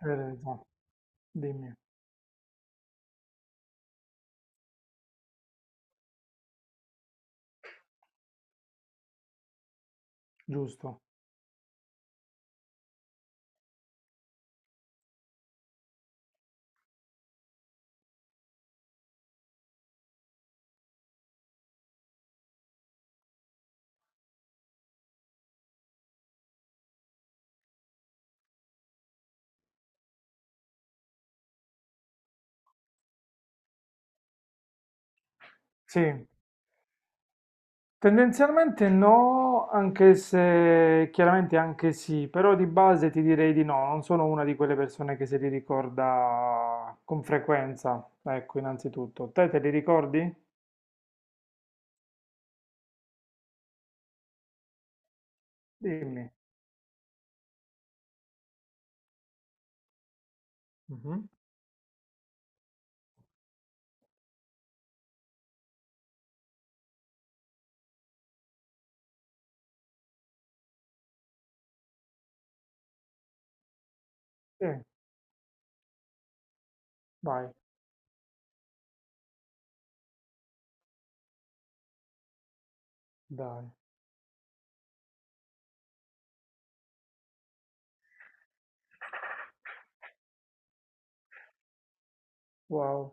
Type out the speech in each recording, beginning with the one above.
Hai ragione, dimmi, giusto. Sì, tendenzialmente no, anche se chiaramente anche sì, però di base ti direi di no, non sono una di quelle persone che se li ricorda con frequenza, ecco, innanzitutto. Te li ricordi? Dimmi. Mhm. Sì, vai. Dai, wow.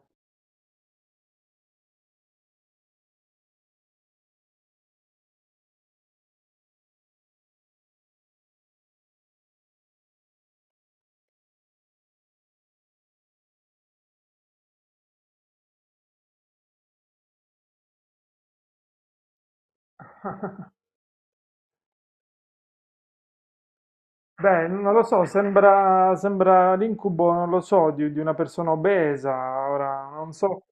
Beh, non lo so, sembra, sembra l'incubo, non lo so, di una persona obesa, ora non so.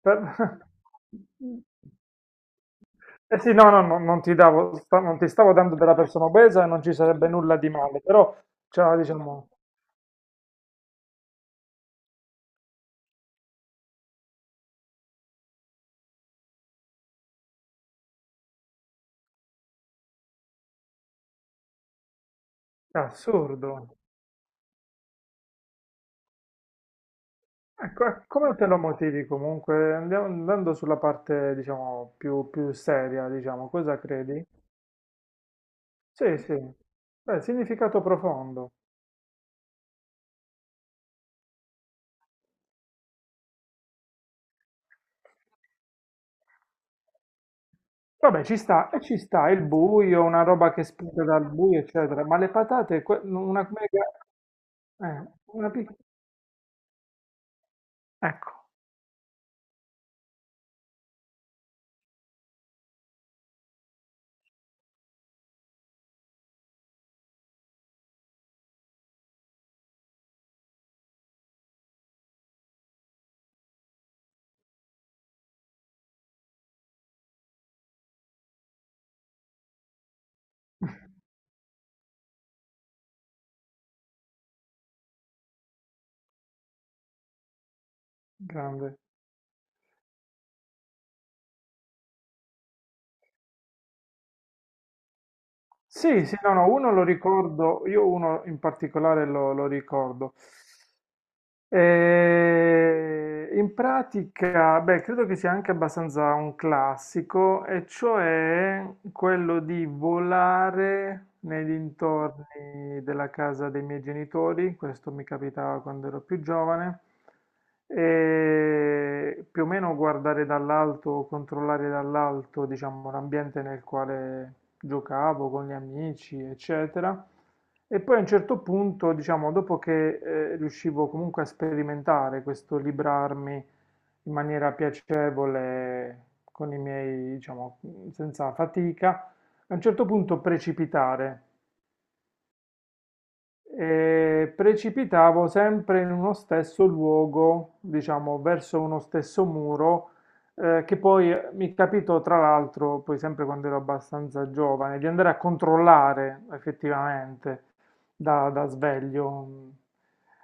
Per- Eh sì, no, no, no, non ti davo, non ti stavo dando della persona obesa e non ci sarebbe nulla di male, però, cioè, diciamo, è assurdo. Ecco, come te lo motivi comunque? Andiamo, andando sulla parte, diciamo, più, più seria, diciamo, cosa credi? Sì, sì, beh, significato profondo. Vabbè, ci sta, e ci sta il buio, una roba che spunta dal buio, eccetera, ma le patate, una mega... Eh, una piccola... Ecco, grande. Sì, sì, no, no, uno lo ricordo, io uno in particolare lo, lo ricordo. In pratica, beh, credo che sia anche abbastanza un classico, e cioè quello di volare nei dintorni della casa dei miei genitori, questo mi capitava quando ero più giovane, e più o meno guardare dall'alto, controllare dall'alto, diciamo, l'ambiente nel quale giocavo con gli amici, eccetera. E poi a un certo punto, diciamo, dopo che riuscivo comunque a sperimentare questo librarmi in maniera piacevole, con i miei, diciamo, senza fatica, a un certo punto precipitare e precipitavo sempre in uno stesso luogo, diciamo, verso uno stesso muro, che poi mi capitò, tra l'altro, poi sempre quando ero abbastanza giovane, di andare a controllare effettivamente da sveglio.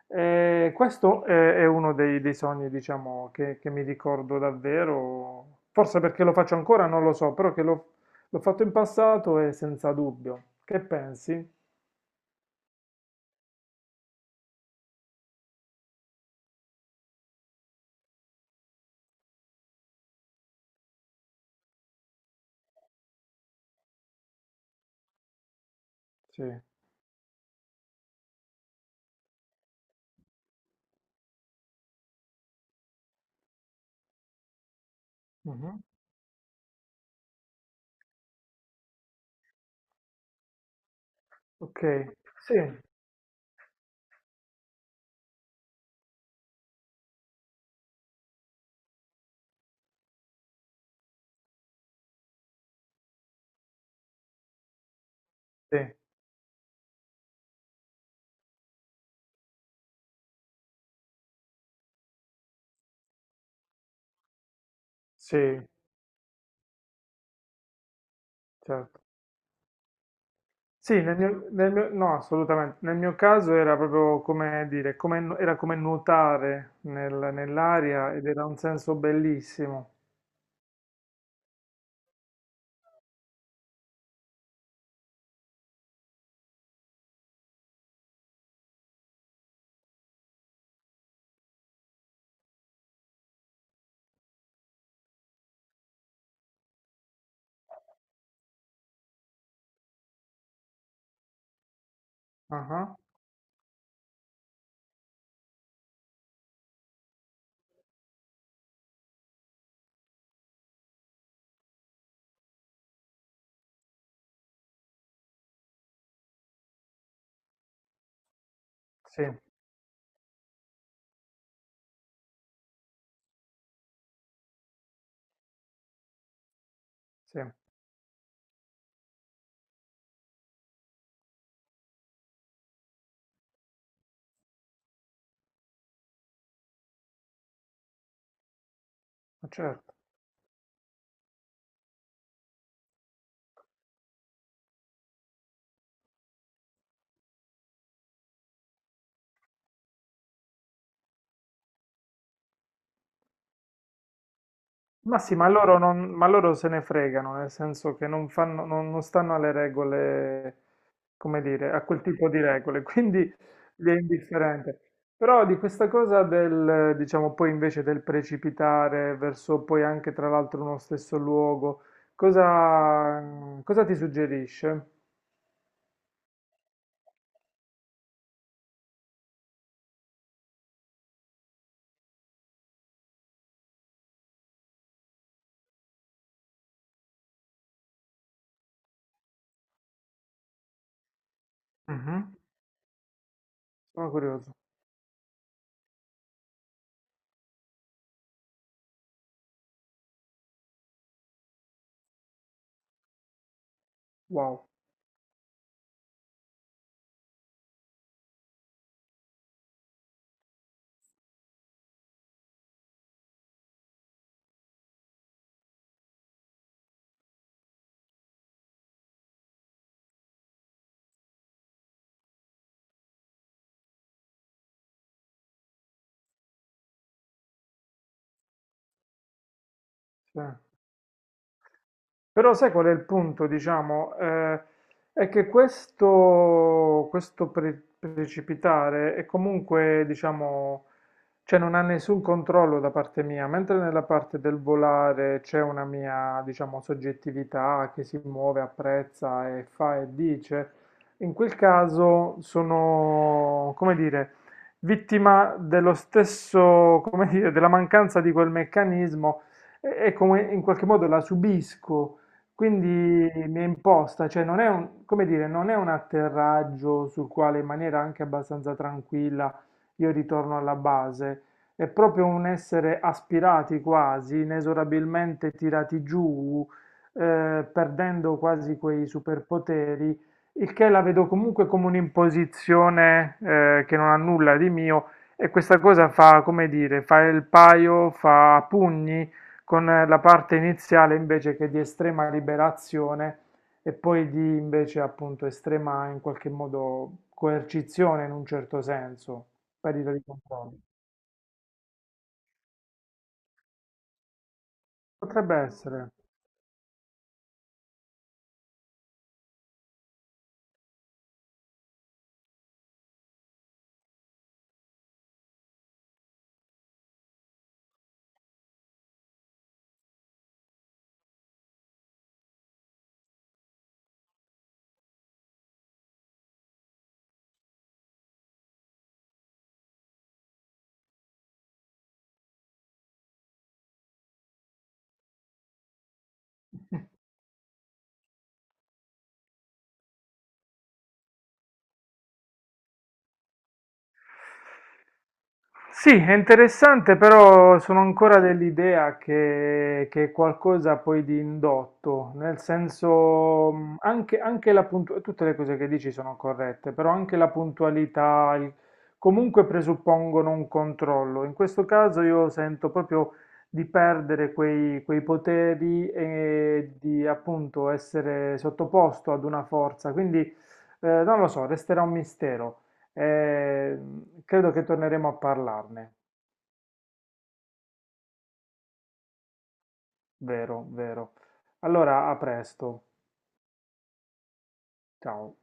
E questo è uno dei, dei sogni, diciamo, che mi ricordo davvero, forse perché lo faccio ancora, non lo so, però che l'ho fatto in passato e senza dubbio. Che pensi? Sì. Mhm. Ok, sì, sì, sì, certo. Sì, nel mio, no, assolutamente. Nel mio caso era proprio come dire, era come nuotare nell'aria ed era un senso bellissimo. Ah, sì, sì, ma certo. Ma sì, ma loro, non, ma loro se ne fregano, nel senso che non fanno, non stanno alle regole come dire, a quel tipo di regole, quindi gli è indifferente. Però di questa cosa del, diciamo, poi invece del precipitare verso poi anche tra l'altro uno stesso luogo, cosa, cosa ti suggerisce? Mhm, sono curioso. Wow. Sì. Però sai qual è il punto, diciamo? È che questo, precipitare è comunque, diciamo, cioè non ha nessun controllo da parte mia, mentre nella parte del volare c'è una mia, diciamo, soggettività che si muove, apprezza e fa e dice. In quel caso sono, come dire, vittima dello stesso, come dire, della mancanza di quel meccanismo e come in qualche modo la subisco. Quindi mi è imposta, cioè non è un, come dire, non è un atterraggio sul quale in maniera anche abbastanza tranquilla io ritorno alla base, è proprio un essere aspirati quasi, inesorabilmente tirati giù, perdendo quasi quei superpoteri, il che la vedo comunque come un'imposizione, che non ha nulla di mio e questa cosa fa, come dire, fa il paio, fa a pugni con la parte iniziale invece che di estrema liberazione e poi di invece appunto estrema in qualche modo coercizione in un certo senso, perdita di controllo. Potrebbe essere. Sì, è interessante, però sono ancora dell'idea che è qualcosa poi di indotto, nel senso anche, anche la puntualità, tutte le cose che dici sono corrette, però anche comunque presuppongono un controllo. In questo caso io sento proprio di perdere quei, quei poteri e di appunto essere sottoposto ad una forza, quindi non lo so, resterà un mistero. Credo che torneremo a parlarne, vero, vero. Allora, a presto. Ciao.